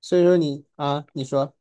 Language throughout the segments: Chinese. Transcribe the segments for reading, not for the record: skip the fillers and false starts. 所以说你啊，你说，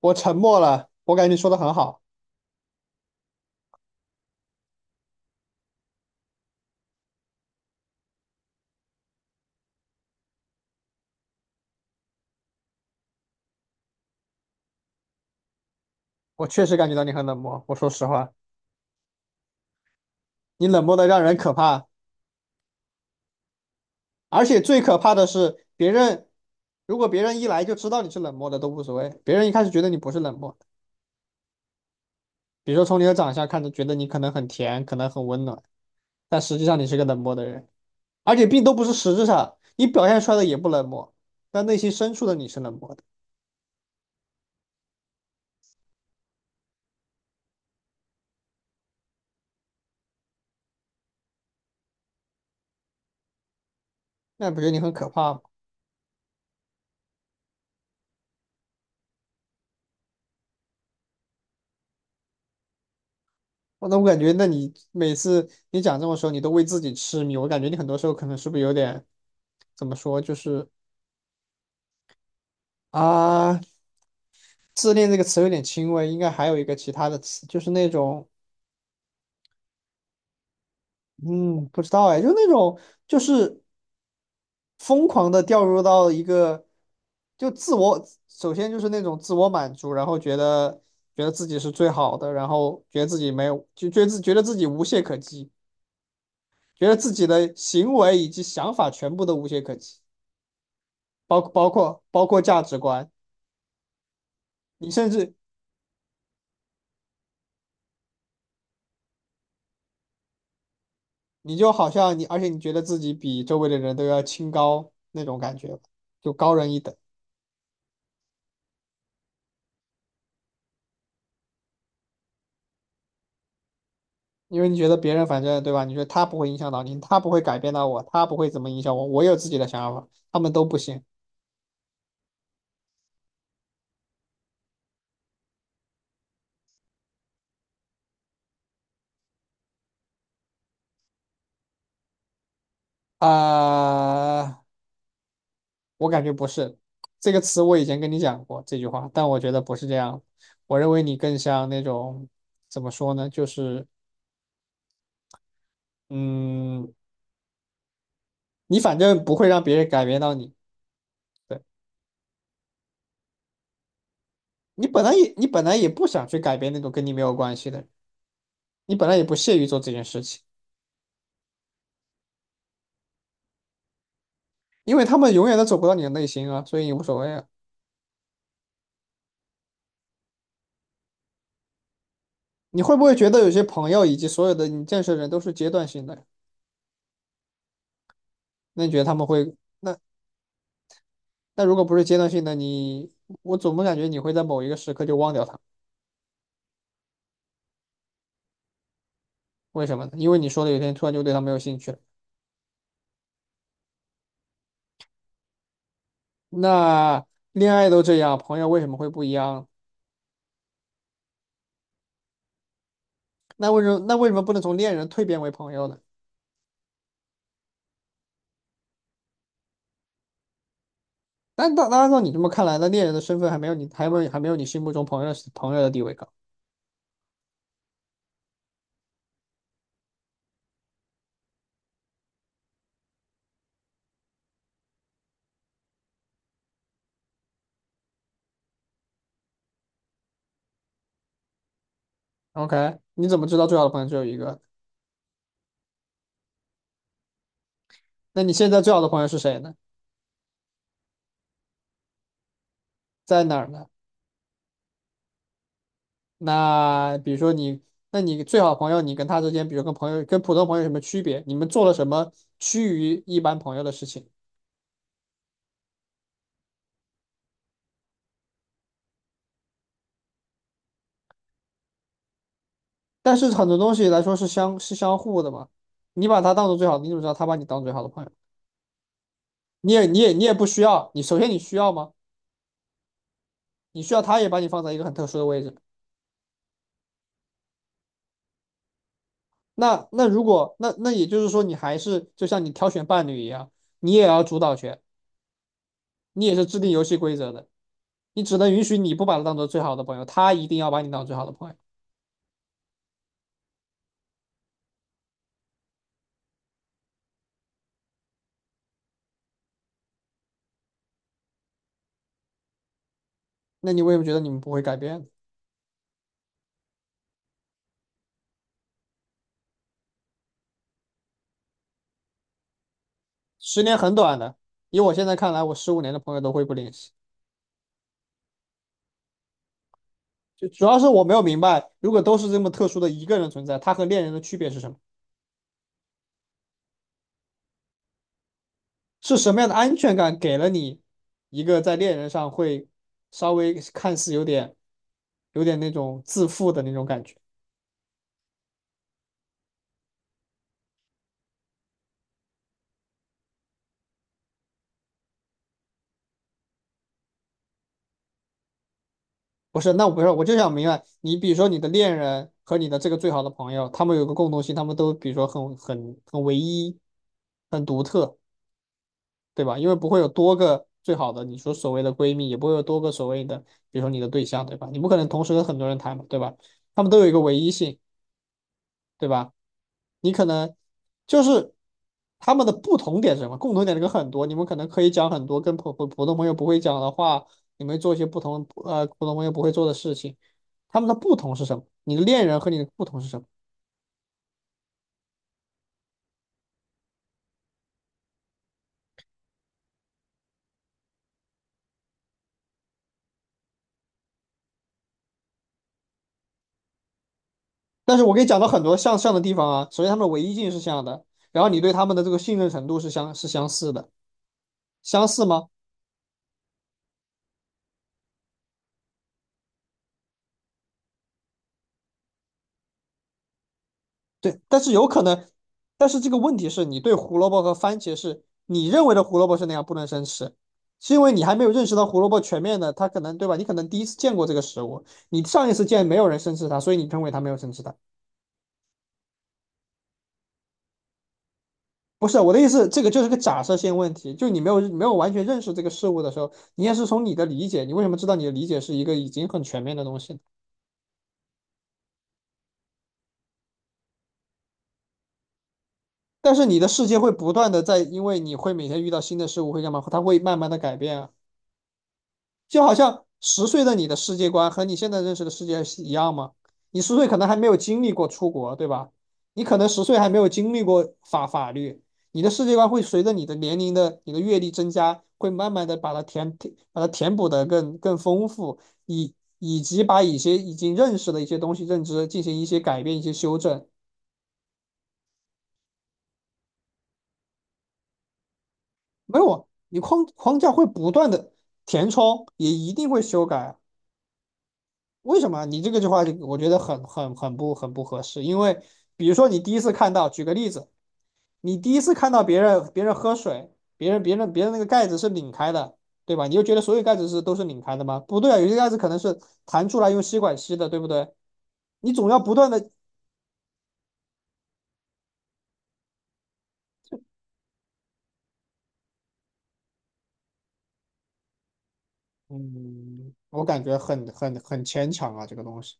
我沉默了。我感觉你说的很好，我确实感觉到你很冷漠。我说实话，你冷漠的让人可怕，而且最可怕的是别人，如果别人一来就知道你是冷漠的都无所谓，别人一开始觉得你不是冷漠，比如说从你的长相看着觉得你可能很甜，可能很温暖，但实际上你是个冷漠的人，而且并都不是实质上，你表现出来的也不冷漠，但内心深处的你是冷漠的。那不觉得你很可怕吗？那我感觉，那你每次你讲这种时候，你都为自己痴迷。我感觉你很多时候可能是不是有点怎么说，就是啊，自恋这个词有点轻微，应该还有一个其他的词，就是那种嗯，不知道哎，就那种就是疯狂的掉入到一个就自我，首先就是那种自我满足，然后觉得自己是最好的，然后觉得自己没有，就觉得觉得自己无懈可击，觉得自己的行为以及想法全部都无懈可击。包括价值观。你甚至你就好像你，而且你觉得自己比周围的人都要清高那种感觉，就高人一等。因为你觉得别人反正对吧？你觉得他不会影响到你，他不会改变到我，他不会怎么影响我，我有自己的想法，他们都不行。啊、呃我感觉不是这个词，我以前跟你讲过这句话，但我觉得不是这样，我认为你更像那种怎么说呢？就是嗯，你反正不会让别人改变到你。对。你本来也不想去改变那种跟你没有关系的人，你本来也不屑于做这件事情，因为他们永远都走不到你的内心啊，所以你无所谓啊。你会不会觉得有些朋友以及所有的你认识的人都是阶段性的？那你觉得他们会？那那如果不是阶段性的，你我总不感觉你会在某一个时刻就忘掉他。为什么呢？因为你说的有一天突然就对他没有兴趣了。那恋爱都这样，朋友为什么会不一样？那为什么不能从恋人蜕变为朋友呢？但按照你这么看来，那猎人的身份还没有你，还没有你心目中朋友朋友的地位高。OK，你怎么知道最好的朋友只有一个？那你现在最好的朋友是谁呢？在哪儿呢？那比如说你，那你最好的朋友，你跟他之间，比如跟朋友跟普通朋友有什么区别？你们做了什么趋于一般朋友的事情？但是很多东西来说是相互的嘛。你把他当做最好的，你怎么知道他把你当最好的朋友？你也不需要，你首先你需要吗？你需要他也把你放在一个很特殊的位置。那那如果也就是说，你还是就像你挑选伴侣一样，你也要主导权，你也是制定游戏规则的，你只能允许你不把他当做最好的朋友，他一定要把你当最好的朋友。那你为什么觉得你们不会改变？十年很短的，以我现在看来，我十五年的朋友都会不联系。就主要是我没有明白，如果都是这么特殊的一个人存在，他和恋人的区别是什么？是什么样的安全感给了你一个在恋人上会稍微看似有点那种自负的那种感觉？不是，那我不是，我就想明白，你比如说你的恋人和你的这个最好的朋友，他们有个共同性，他们都比如说很唯一，很独特，对吧？因为不会有多个最好的，你说所谓的闺蜜，也不会有多个所谓的，比如说你的对象，对吧？你不可能同时跟很多人谈嘛，对吧？他们都有一个唯一性，对吧？你可能就是他们的不同点是什么？共同点这个很多，你们可能可以讲很多跟普通朋友不会讲的话，你们做一些不同普通朋友不会做的事情。他们的不同是什么？你的恋人和你的不同是什么？但是我可以讲到很多像像的地方啊。首先，他们的唯一性是像的，然后你对他们的这个信任程度是相似的，相似吗？对，但是有可能。但是这个问题是你对胡萝卜和番茄是你认为的胡萝卜是那样不能生吃，是因为你还没有认识到胡萝卜全面的，它可能对吧？你可能第一次见过这个食物，你上一次见没有人生吃它，所以你认为它没有生吃它。不是我的意思，这个就是个假设性问题，就你没有完全认识这个事物的时候，你也是从你的理解，你为什么知道你的理解是一个已经很全面的东西呢？但是你的世界会不断的在，因为你会每天遇到新的事物，会干嘛？它会慢慢的改变啊。就好像十岁的你的世界观和你现在认识的世界是一样吗？你十岁可能还没有经历过出国，对吧？你可能十岁还没有经历过法律，你的世界观会随着你的年龄的、你的阅历增加，会慢慢的把它填把它填补的更丰富，以及把一些已经认识的一些东西认知进行一些改变、一些修正。没有啊，你框架会不断的填充，也一定会修改啊。为什么你这个句话就我觉得很不合适？因为比如说你第一次看到，举个例子，你第一次看到别人喝水，别人那个盖子是拧开的，对吧？你就觉得所有盖子是都是拧开的吗？不对啊，有些盖子可能是弹出来用吸管吸的，对不对？你总要不断的。嗯，我感觉很牵强啊，这个东西。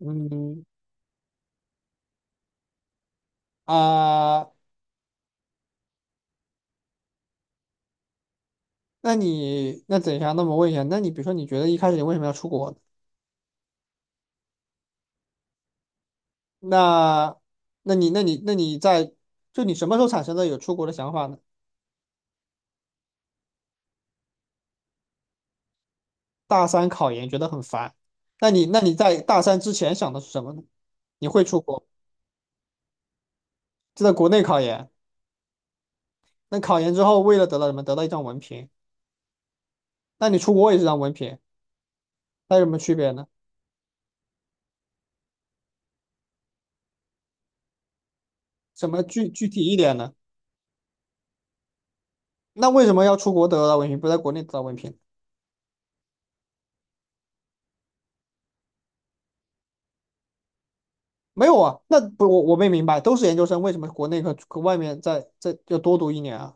嗯啊、那你等一下，那么问一下，那你比如说你觉得一开始你为什么要出国呢？那，那你，那你，那你在，就你什么时候产生的有出国的想法呢？大三考研觉得很烦，那你在大三之前想的是什么呢？你会出国？就在国内考研。那考研之后为了得到什么？得到一张文凭。那你出国也是张文凭，那有什么区别呢？什么具体一点呢？那为什么要出国得到文凭，不在国内得到文凭？没有啊，那不我没明白，都是研究生，为什么国内和外面要多读一年啊？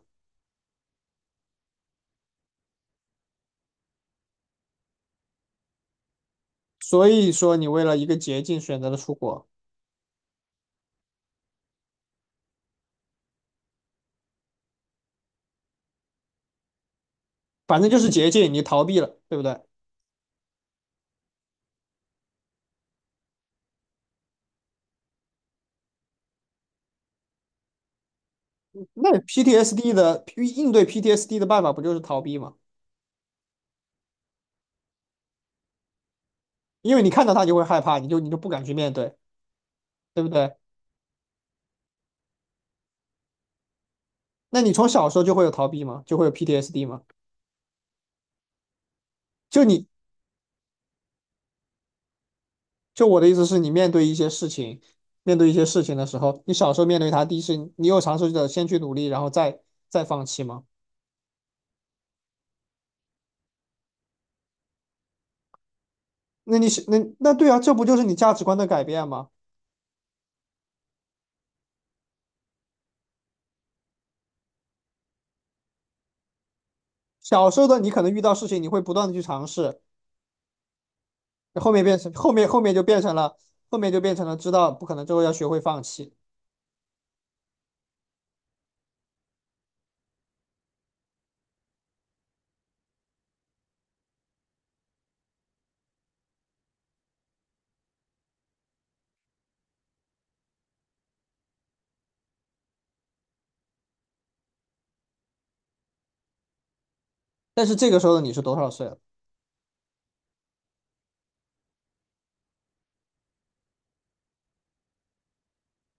所以说你为了一个捷径选择了出国。反正就是捷径，你逃避了，对不对？那 PTSD 的应对 PTSD 的办法不就是逃避吗？因为你看到它就会害怕，你就不敢去面对，对不对？那你从小时候就会有逃避吗？就会有 PTSD 吗？就你就我的意思是你面对一些事情，面对一些事情的时候，你小时候面对它，第一是你有尝试着先去努力，然后再放弃吗？那你是那对啊，这不就是你价值观的改变吗？小时候的你可能遇到事情，你会不断的去尝试，后面变成后面后面就变成了后面就变成了知道不可能之后要学会放弃。但是这个时候的你是多少岁了？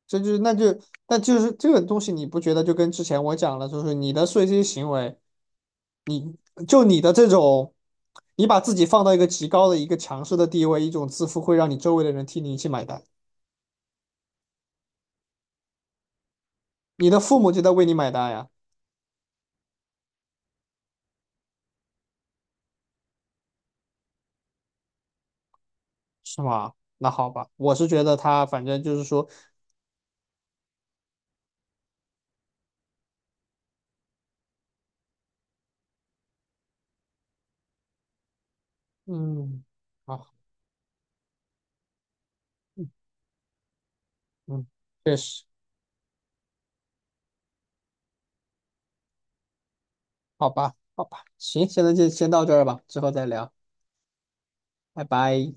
这就那就那就是这个东西，你不觉得就跟之前我讲了，就是你的这些行为，就你的这种，你把自己放到一个极高的一个强势的地位，一种自负会让你周围的人替你一起买单，你的父母就在为你买单呀，是吗？那好吧，我是觉得他反正就是说，嗯，好，嗯嗯，确实，好吧，好吧，行，现在就先到这儿吧，之后再聊。拜拜。